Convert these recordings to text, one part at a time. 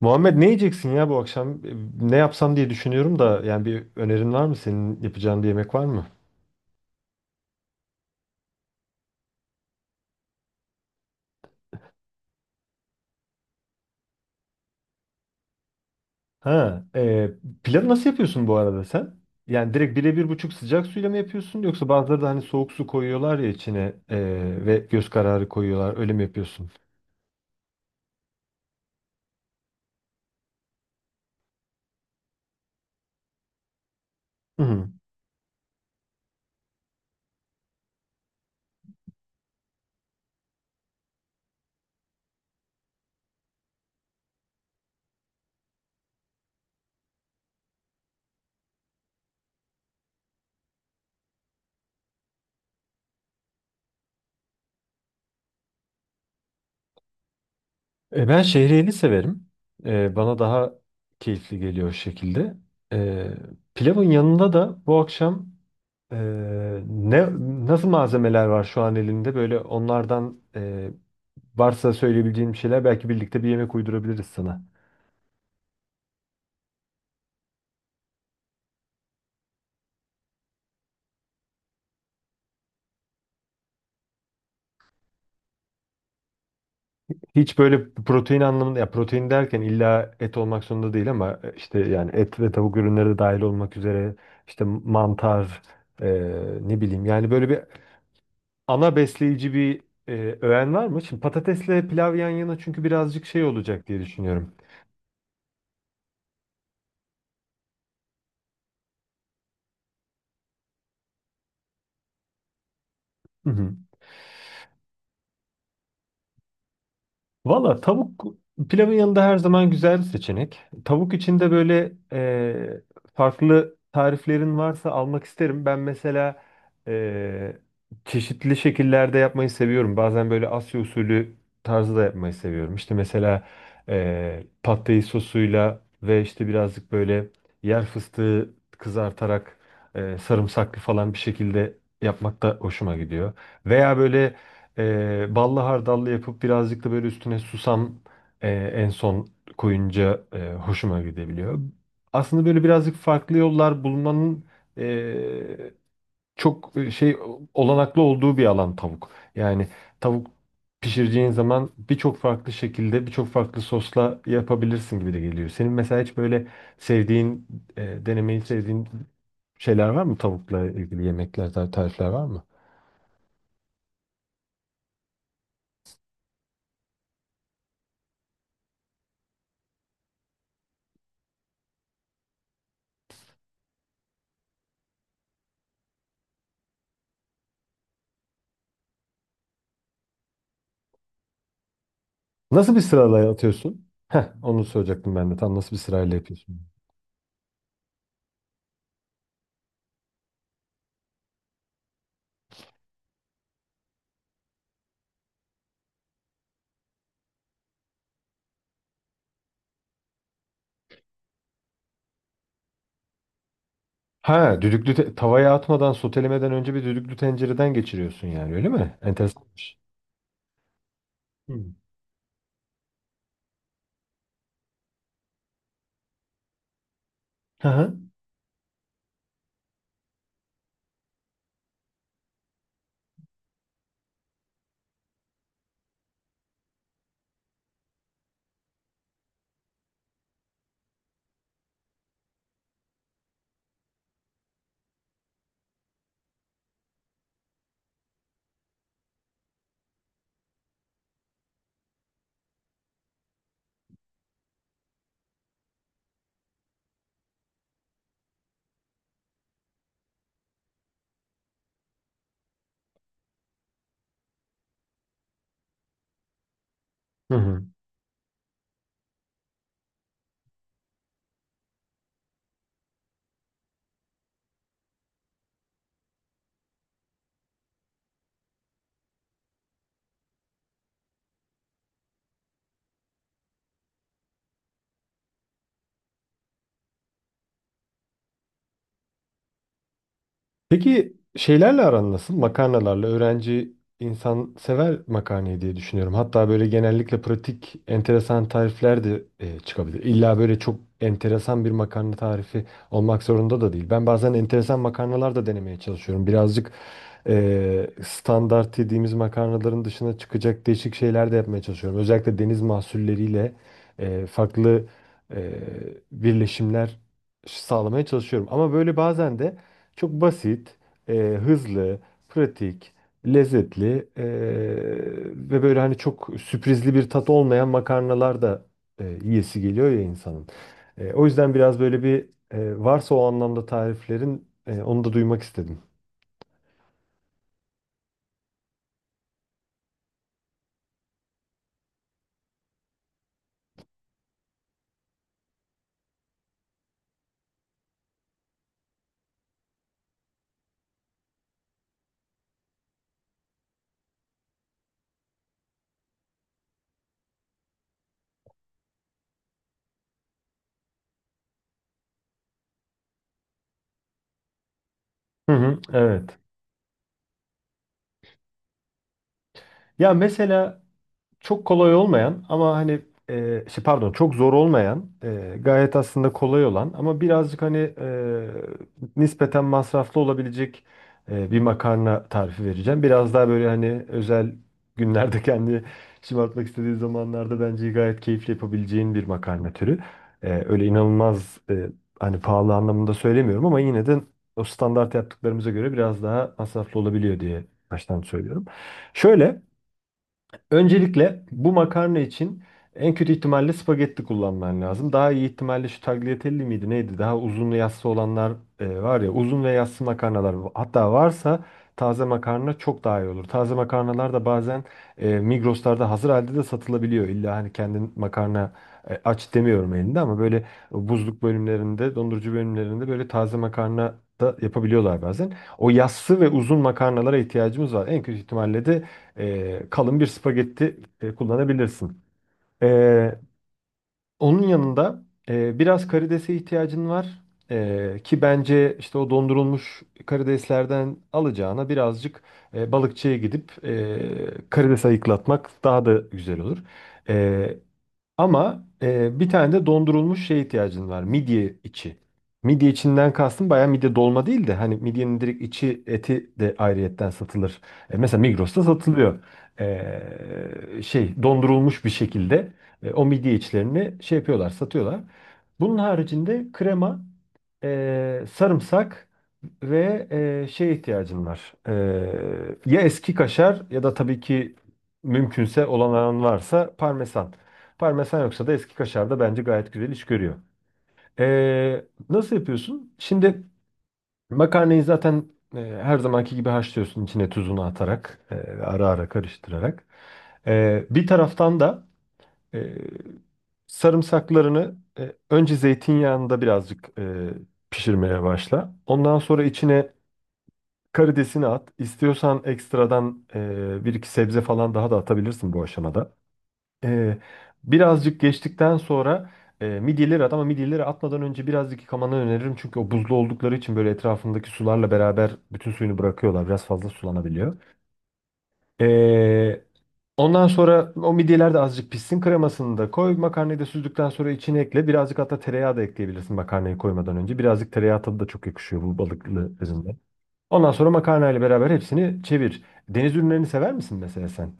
Muhammed, ne yiyeceksin ya bu akşam? Ne yapsam diye düşünüyorum da yani bir önerin var mı? Senin yapacağın bir yemek var mı? Ha, e, Pilavı nasıl yapıyorsun bu arada sen? Yani direkt birebir buçuk sıcak suyla mı yapıyorsun, yoksa bazıları da hani soğuk su koyuyorlar ya içine e, ve göz kararı koyuyorlar, öyle mi yapıyorsun? Hı hı. Ben şehriyeli severim. Bana daha keyifli geliyor o şekilde. E, Pilavın yanında da bu akşam Ee, ne nasıl malzemeler var şu an elinde? Böyle onlardan, varsa söyleyebileceğim bir şeyler, belki birlikte bir yemek uydurabiliriz sana. Hiç böyle protein anlamında, ya protein derken illa et olmak zorunda değil ama işte yani et ve tavuk ürünleri de dahil olmak üzere, işte mantar, e, ne bileyim yani böyle bir ana besleyici bir öğen var mı? Şimdi patatesle pilav yan yana çünkü birazcık şey olacak diye düşünüyorum. Hı hı. Valla tavuk pilavın yanında her zaman güzel bir seçenek. Tavuk içinde böyle farklı tariflerin varsa almak isterim. Ben mesela e, çeşitli şekillerde yapmayı seviyorum. Bazen böyle Asya usulü tarzı da yapmayı seviyorum. İşte mesela pad thai sosuyla ve işte birazcık böyle yer fıstığı kızartarak, sarımsaklı falan bir şekilde yapmak da hoşuma gidiyor. Veya böyle ballı hardallı yapıp birazcık da böyle üstüne susam en son koyunca hoşuma gidebiliyor. Aslında böyle birazcık farklı yollar bulmanın e, çok olanaklı olduğu bir alan tavuk. Yani tavuk pişireceğin zaman birçok farklı şekilde, birçok farklı sosla yapabilirsin gibi de geliyor. Senin mesela hiç böyle sevdiğin, denemeyi sevdiğin şeyler var mı, tavukla ilgili yemekler, tarifler var mı? Nasıl bir sırayla atıyorsun? Heh, onu soracaktım ben de. Tam nasıl bir sırayla yapıyorsun? Ha, tavaya atmadan, sotelemeden önce bir düdüklü tencereden geçiriyorsun yani, öyle mi? Enteresanmış. Hı. Hı hı. Hı hı. Peki şeylerle aran nasıl? Makarnalarla öğrenci insan sever makarnayı diye düşünüyorum. Hatta böyle genellikle pratik, enteresan tarifler de çıkabilir. İlla böyle çok enteresan bir makarna tarifi olmak zorunda da değil. Ben bazen enteresan makarnalar da denemeye çalışıyorum. Birazcık standart dediğimiz makarnaların dışına çıkacak değişik şeyler de yapmaya çalışıyorum. Özellikle deniz mahsulleriyle farklı e, birleşimler sağlamaya çalışıyorum. Ama böyle bazen de çok basit, hızlı, pratik, lezzetli ve böyle hani çok sürprizli bir tat olmayan makarnalar da yiyesi geliyor ya insanın. O yüzden biraz böyle bir varsa o anlamda tariflerin, onu da duymak istedim. Hı hı, evet. Ya mesela çok kolay olmayan ama hani pardon, çok zor olmayan, gayet aslında kolay olan ama birazcık hani nispeten masraflı olabilecek bir makarna tarifi vereceğim. Biraz daha böyle hani özel günlerde kendi şımartmak istediği zamanlarda bence gayet keyifli yapabileceğin bir makarna türü. Öyle inanılmaz hani pahalı anlamında söylemiyorum ama yine de o standart yaptıklarımıza göre biraz daha masraflı olabiliyor diye baştan söylüyorum. Şöyle. Öncelikle bu makarna için en kötü ihtimalle spagetti kullanman lazım. Daha iyi ihtimalle şu tagliatelle miydi neydi? Daha uzun ve yassı olanlar, var ya uzun ve yassı makarnalar. Hatta varsa taze makarna çok daha iyi olur. Taze makarnalar da bazen Migros'larda hazır halde de satılabiliyor. İlla hani kendin makarna aç demiyorum elinde ama böyle buzluk bölümlerinde, dondurucu bölümlerinde böyle taze makarna da yapabiliyorlar bazen. O yassı ve uzun makarnalara ihtiyacımız var. En kötü ihtimalle de kalın bir spagetti kullanabilirsin. E, Onun yanında biraz karidese ihtiyacın var. Ki bence işte o dondurulmuş karideslerden alacağına, birazcık balıkçıya gidip karides ayıklatmak daha da güzel olur. E, bir tane de dondurulmuş şeye ihtiyacın var. Midye içi. Midye içinden kastım bayağı midye dolma değil de, hani midyenin direkt içi, eti de ayrıyetten satılır. Mesela Migros'ta satılıyor. Şey, dondurulmuş bir şekilde o midye içlerini şey yapıyorlar, satıyorlar. Bunun haricinde krema, sarımsak ve şeye ihtiyacın var. Ya eski kaşar ya da tabii ki mümkünse olan varsa parmesan. Parmesan yoksa da eski kaşar da bence gayet güzel iş görüyor. Nasıl yapıyorsun? Şimdi makarnayı zaten her zamanki gibi haşlıyorsun, içine tuzunu atarak, ara ara karıştırarak. Bir taraftan da e, sarımsaklarını önce zeytinyağında birazcık pişirmeye başla. Ondan sonra içine karidesini at. İstiyorsan ekstradan bir iki sebze falan daha da atabilirsin bu aşamada. Ee, Birazcık geçtikten sonra midyeleri at, ama midyeleri atmadan önce birazcık yıkamanı öneririm. Çünkü o buzlu oldukları için böyle etrafındaki sularla beraber bütün suyunu bırakıyorlar. Biraz fazla sulanabiliyor. Ee, Ondan sonra o midyeler de azıcık pişsin. Kremasını da koy. Makarnayı da süzdükten sonra içine ekle. Birazcık hatta tereyağı da ekleyebilirsin makarnayı koymadan önce. Birazcık tereyağı tadı da çok yakışıyor bu balıklı üzümde. Ondan sonra makarnayla beraber hepsini çevir. Deniz ürünlerini sever misin mesela sen?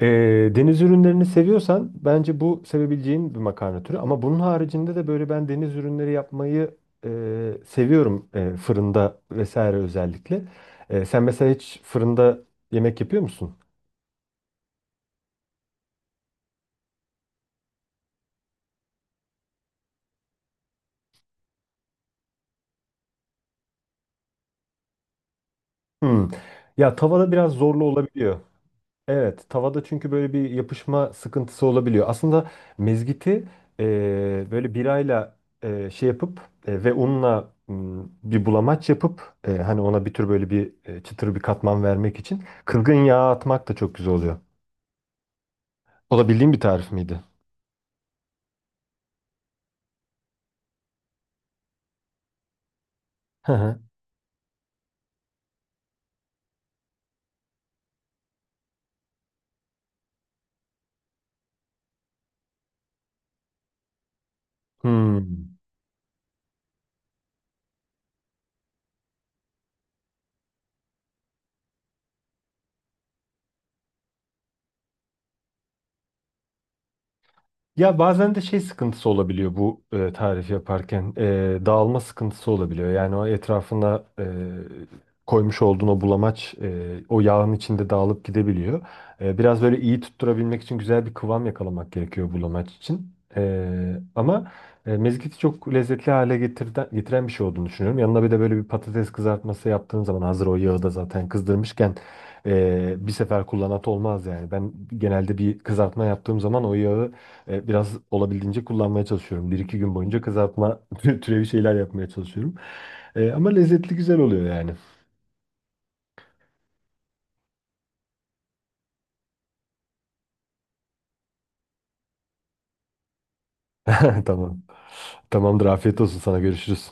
Deniz ürünlerini seviyorsan bence bu sevebileceğin bir makarna türü. Ama bunun haricinde de böyle ben deniz ürünleri yapmayı seviyorum, fırında vesaire özellikle. Sen mesela hiç fırında yemek yapıyor musun? Hmm. Ya tavada biraz zorlu olabiliyor. Evet, tavada çünkü böyle bir yapışma sıkıntısı olabiliyor. Aslında mezgiti böyle birayla yapıp ve unla bir bulamaç yapıp, hani ona bir tür böyle bir çıtır bir katman vermek için kırgın yağ atmak da çok güzel oluyor. O da bildiğin bir tarif miydi? Hı hı. Hmm. Ya bazen de şey sıkıntısı olabiliyor bu tarif yaparken. Dağılma sıkıntısı olabiliyor. Yani o etrafına koymuş olduğun o bulamaç o yağın içinde dağılıp gidebiliyor. Biraz böyle iyi tutturabilmek için güzel bir kıvam yakalamak gerekiyor bulamaç için. E, ama mezgiti çok lezzetli hale getiren bir şey olduğunu düşünüyorum. Yanına bir de böyle bir patates kızartması yaptığın zaman, hazır o yağı da zaten kızdırmışken bir sefer kullanat olmaz yani. Ben genelde bir kızartma yaptığım zaman o yağı biraz olabildiğince kullanmaya çalışıyorum. Bir iki gün boyunca kızartma türevi şeyler yapmaya çalışıyorum. Ama lezzetli, güzel oluyor yani. Tamam. Tamamdır. Afiyet olsun sana. Görüşürüz.